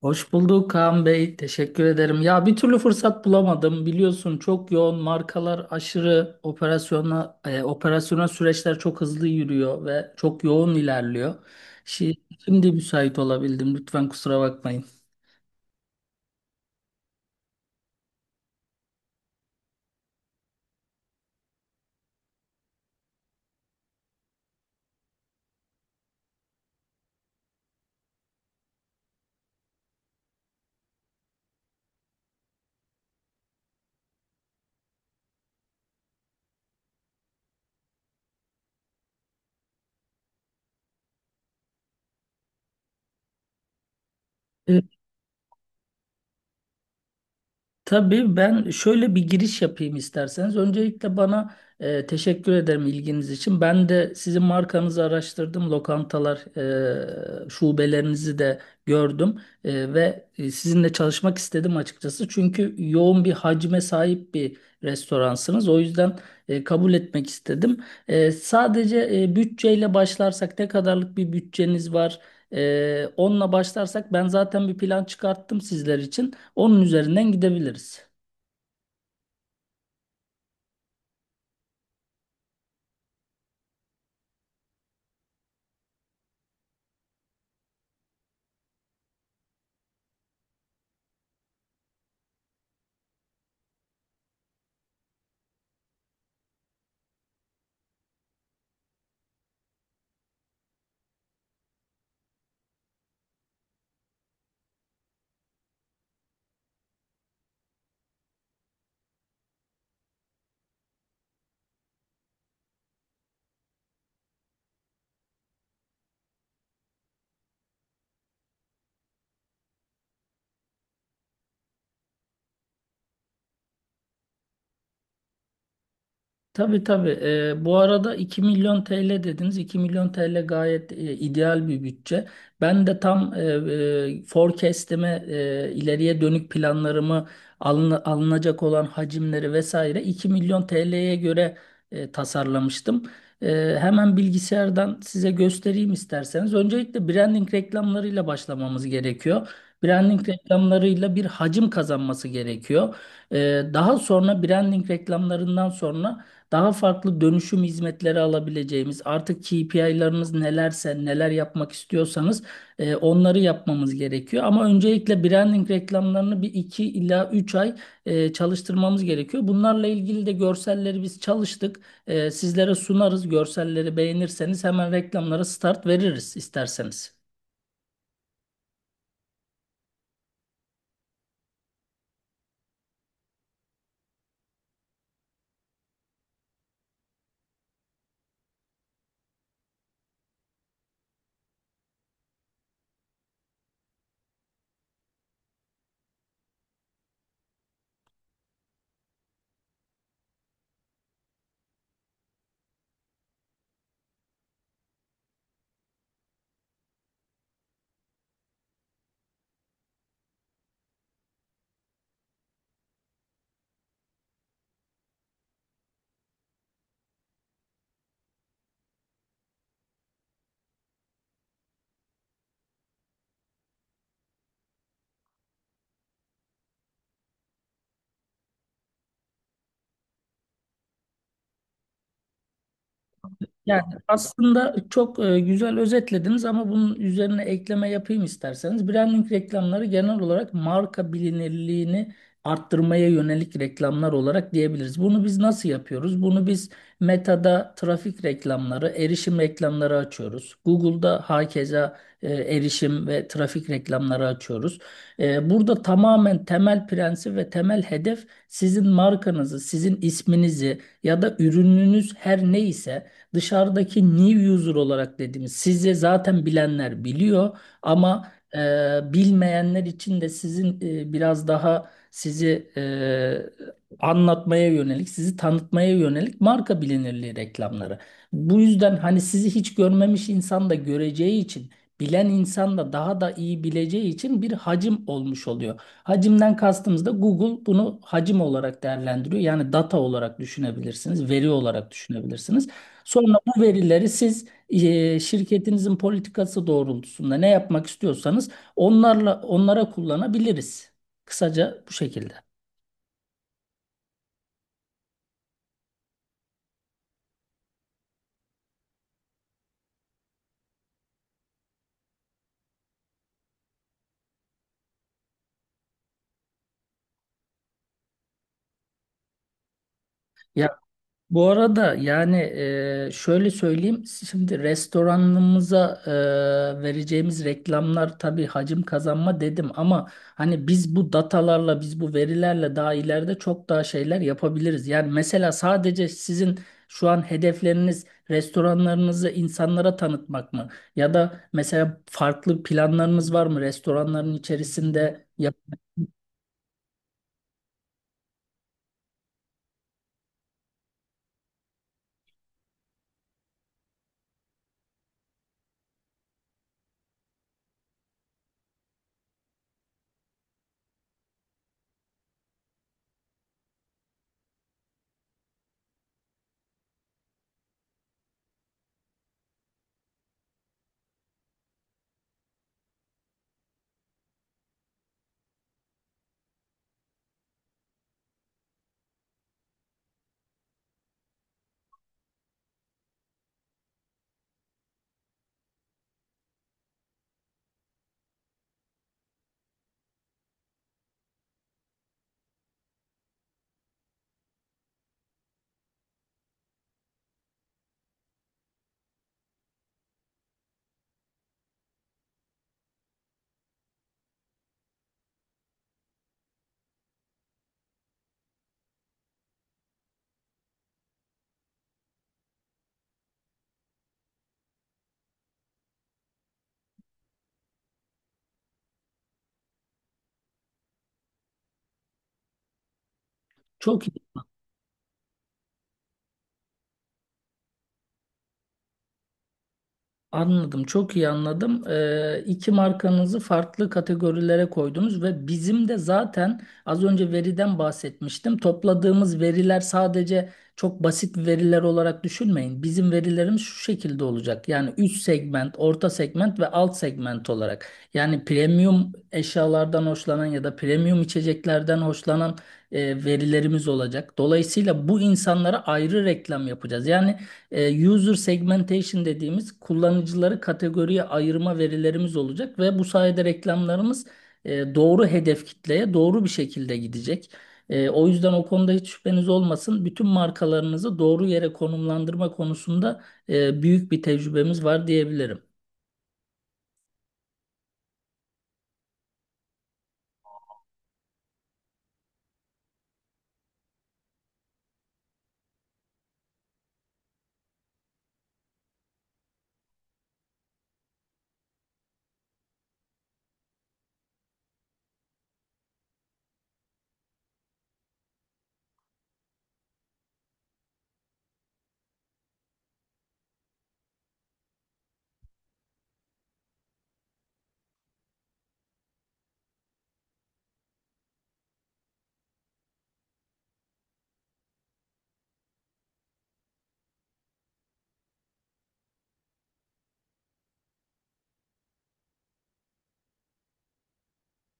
Hoş bulduk Kaan Bey. Teşekkür ederim. Ya bir türlü fırsat bulamadım. Biliyorsun çok yoğun markalar aşırı operasyona operasyona süreçler çok hızlı yürüyor ve çok yoğun ilerliyor. Şi- Şimdi müsait olabildim. Lütfen kusura bakmayın. Tabii ben şöyle bir giriş yapayım isterseniz. Öncelikle bana teşekkür ederim ilginiz için. Ben de sizin markanızı araştırdım. Lokantalar, şubelerinizi de gördüm. Ve sizinle çalışmak istedim açıkçası. Çünkü yoğun bir hacme sahip bir restoransınız. O yüzden kabul etmek istedim. Sadece bütçeyle başlarsak ne kadarlık bir bütçeniz var? Onunla başlarsak ben zaten bir plan çıkarttım sizler için. Onun üzerinden gidebiliriz. Tabii tabii. Bu arada 2 milyon TL dediniz. 2 milyon TL gayet ideal bir bütçe. Ben de tam forecast'ime, ileriye dönük planlarımı alınacak olan hacimleri vesaire 2 milyon TL'ye göre tasarlamıştım. Hemen bilgisayardan size göstereyim isterseniz. Öncelikle branding reklamlarıyla başlamamız gerekiyor. Branding reklamlarıyla bir hacim kazanması gerekiyor. Daha sonra branding reklamlarından sonra daha farklı dönüşüm hizmetleri alabileceğimiz, artık KPI'larınız nelerse, neler yapmak istiyorsanız onları yapmamız gerekiyor. Ama öncelikle branding reklamlarını bir iki ila üç ay çalıştırmamız gerekiyor. Bunlarla ilgili de görselleri biz çalıştık. Sizlere sunarız. Görselleri beğenirseniz hemen reklamlara start veririz isterseniz. Yani aslında çok güzel özetlediniz ama bunun üzerine ekleme yapayım isterseniz. Branding reklamları genel olarak marka bilinirliğini arttırmaya yönelik reklamlar olarak diyebiliriz. Bunu biz nasıl yapıyoruz? Bunu biz Meta'da trafik reklamları, erişim reklamları açıyoruz. Google'da hakeza erişim ve trafik reklamları açıyoruz. Burada tamamen temel prensip ve temel hedef sizin markanızı, sizin isminizi ya da ürününüz her neyse dışarıdaki new user olarak dediğimiz, size zaten bilenler biliyor ama bilmeyenler için de sizin biraz daha sizi anlatmaya yönelik, sizi tanıtmaya yönelik marka bilinirliği reklamları. Bu yüzden hani sizi hiç görmemiş insan da göreceği için, bilen insan da daha da iyi bileceği için bir hacim olmuş oluyor. Hacimden kastımız da Google bunu hacim olarak değerlendiriyor. Yani data olarak düşünebilirsiniz, veri olarak düşünebilirsiniz. Sonra bu verileri siz şirketinizin politikası doğrultusunda ne yapmak istiyorsanız onlara kullanabiliriz. Kısaca bu şekilde. Bu arada yani şöyle söyleyeyim, şimdi restoranımıza vereceğimiz reklamlar tabii hacim kazanma dedim ama hani biz bu datalarla bu verilerle daha ileride çok daha şeyler yapabiliriz. Yani mesela sadece sizin şu an hedefleriniz restoranlarınızı insanlara tanıtmak mı? Ya da mesela farklı planlarınız var mı restoranların içerisinde? Ya çok. Anladım, çok iyi anladım. İki markanızı farklı kategorilere koydunuz ve bizim de zaten az önce veriden bahsetmiştim. Topladığımız veriler sadece çok basit veriler olarak düşünmeyin. Bizim verilerimiz şu şekilde olacak. Yani üst segment, orta segment ve alt segment olarak. Yani premium eşyalardan hoşlanan ya da premium içeceklerden hoşlanan verilerimiz olacak. Dolayısıyla bu insanlara ayrı reklam yapacağız. Yani user segmentation dediğimiz, kullanıcıları kategoriye ayırma verilerimiz olacak ve bu sayede reklamlarımız doğru hedef kitleye doğru bir şekilde gidecek. O yüzden o konuda hiç şüpheniz olmasın. Bütün markalarınızı doğru yere konumlandırma konusunda büyük bir tecrübemiz var diyebilirim.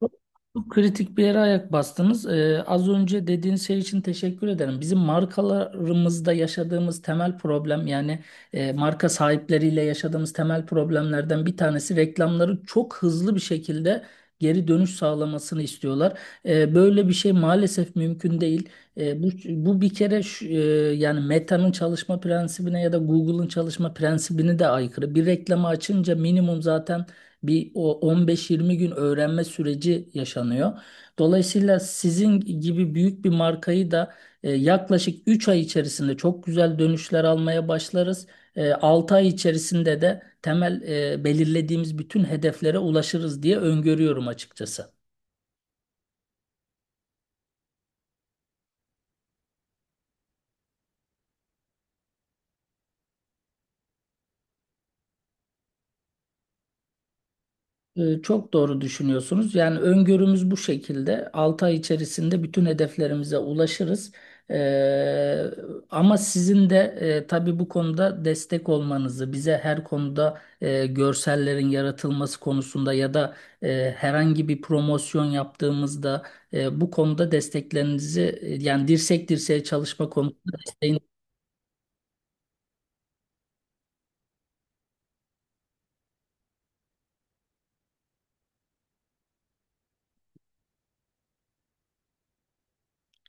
Çok çok kritik bir yere ayak bastınız. Az önce dediğiniz şey için teşekkür ederim. Bizim markalarımızda yaşadığımız temel problem, yani marka sahipleriyle yaşadığımız temel problemlerden bir tanesi, reklamları çok hızlı bir şekilde geri dönüş sağlamasını istiyorlar. Böyle bir şey maalesef mümkün değil. Bu bir kere yani Meta'nın çalışma prensibine ya da Google'ın çalışma prensibine de aykırı. Bir reklamı açınca minimum zaten bir o 15-20 gün öğrenme süreci yaşanıyor. Dolayısıyla sizin gibi büyük bir markayı da yaklaşık 3 ay içerisinde çok güzel dönüşler almaya başlarız. 6 ay içerisinde de temel belirlediğimiz bütün hedeflere ulaşırız diye öngörüyorum açıkçası. Çok doğru düşünüyorsunuz. Yani öngörümüz bu şekilde. Altı ay içerisinde bütün hedeflerimize ulaşırız. Ee, Ama sizin de tabii bu konuda destek olmanızı, bize her konuda görsellerin yaratılması konusunda ya da herhangi bir promosyon yaptığımızda bu konuda desteklerinizi yani dirsek dirseğe çalışma konusunda desteğin,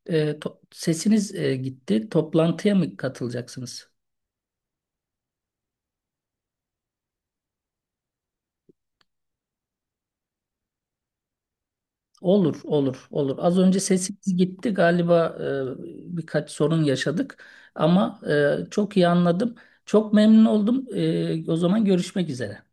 sesiniz gitti. Toplantıya mı katılacaksınız? Olur, olur, olur. Az önce sesimiz gitti galiba, birkaç sorun yaşadık ama çok iyi anladım. Çok memnun oldum. O zaman görüşmek üzere.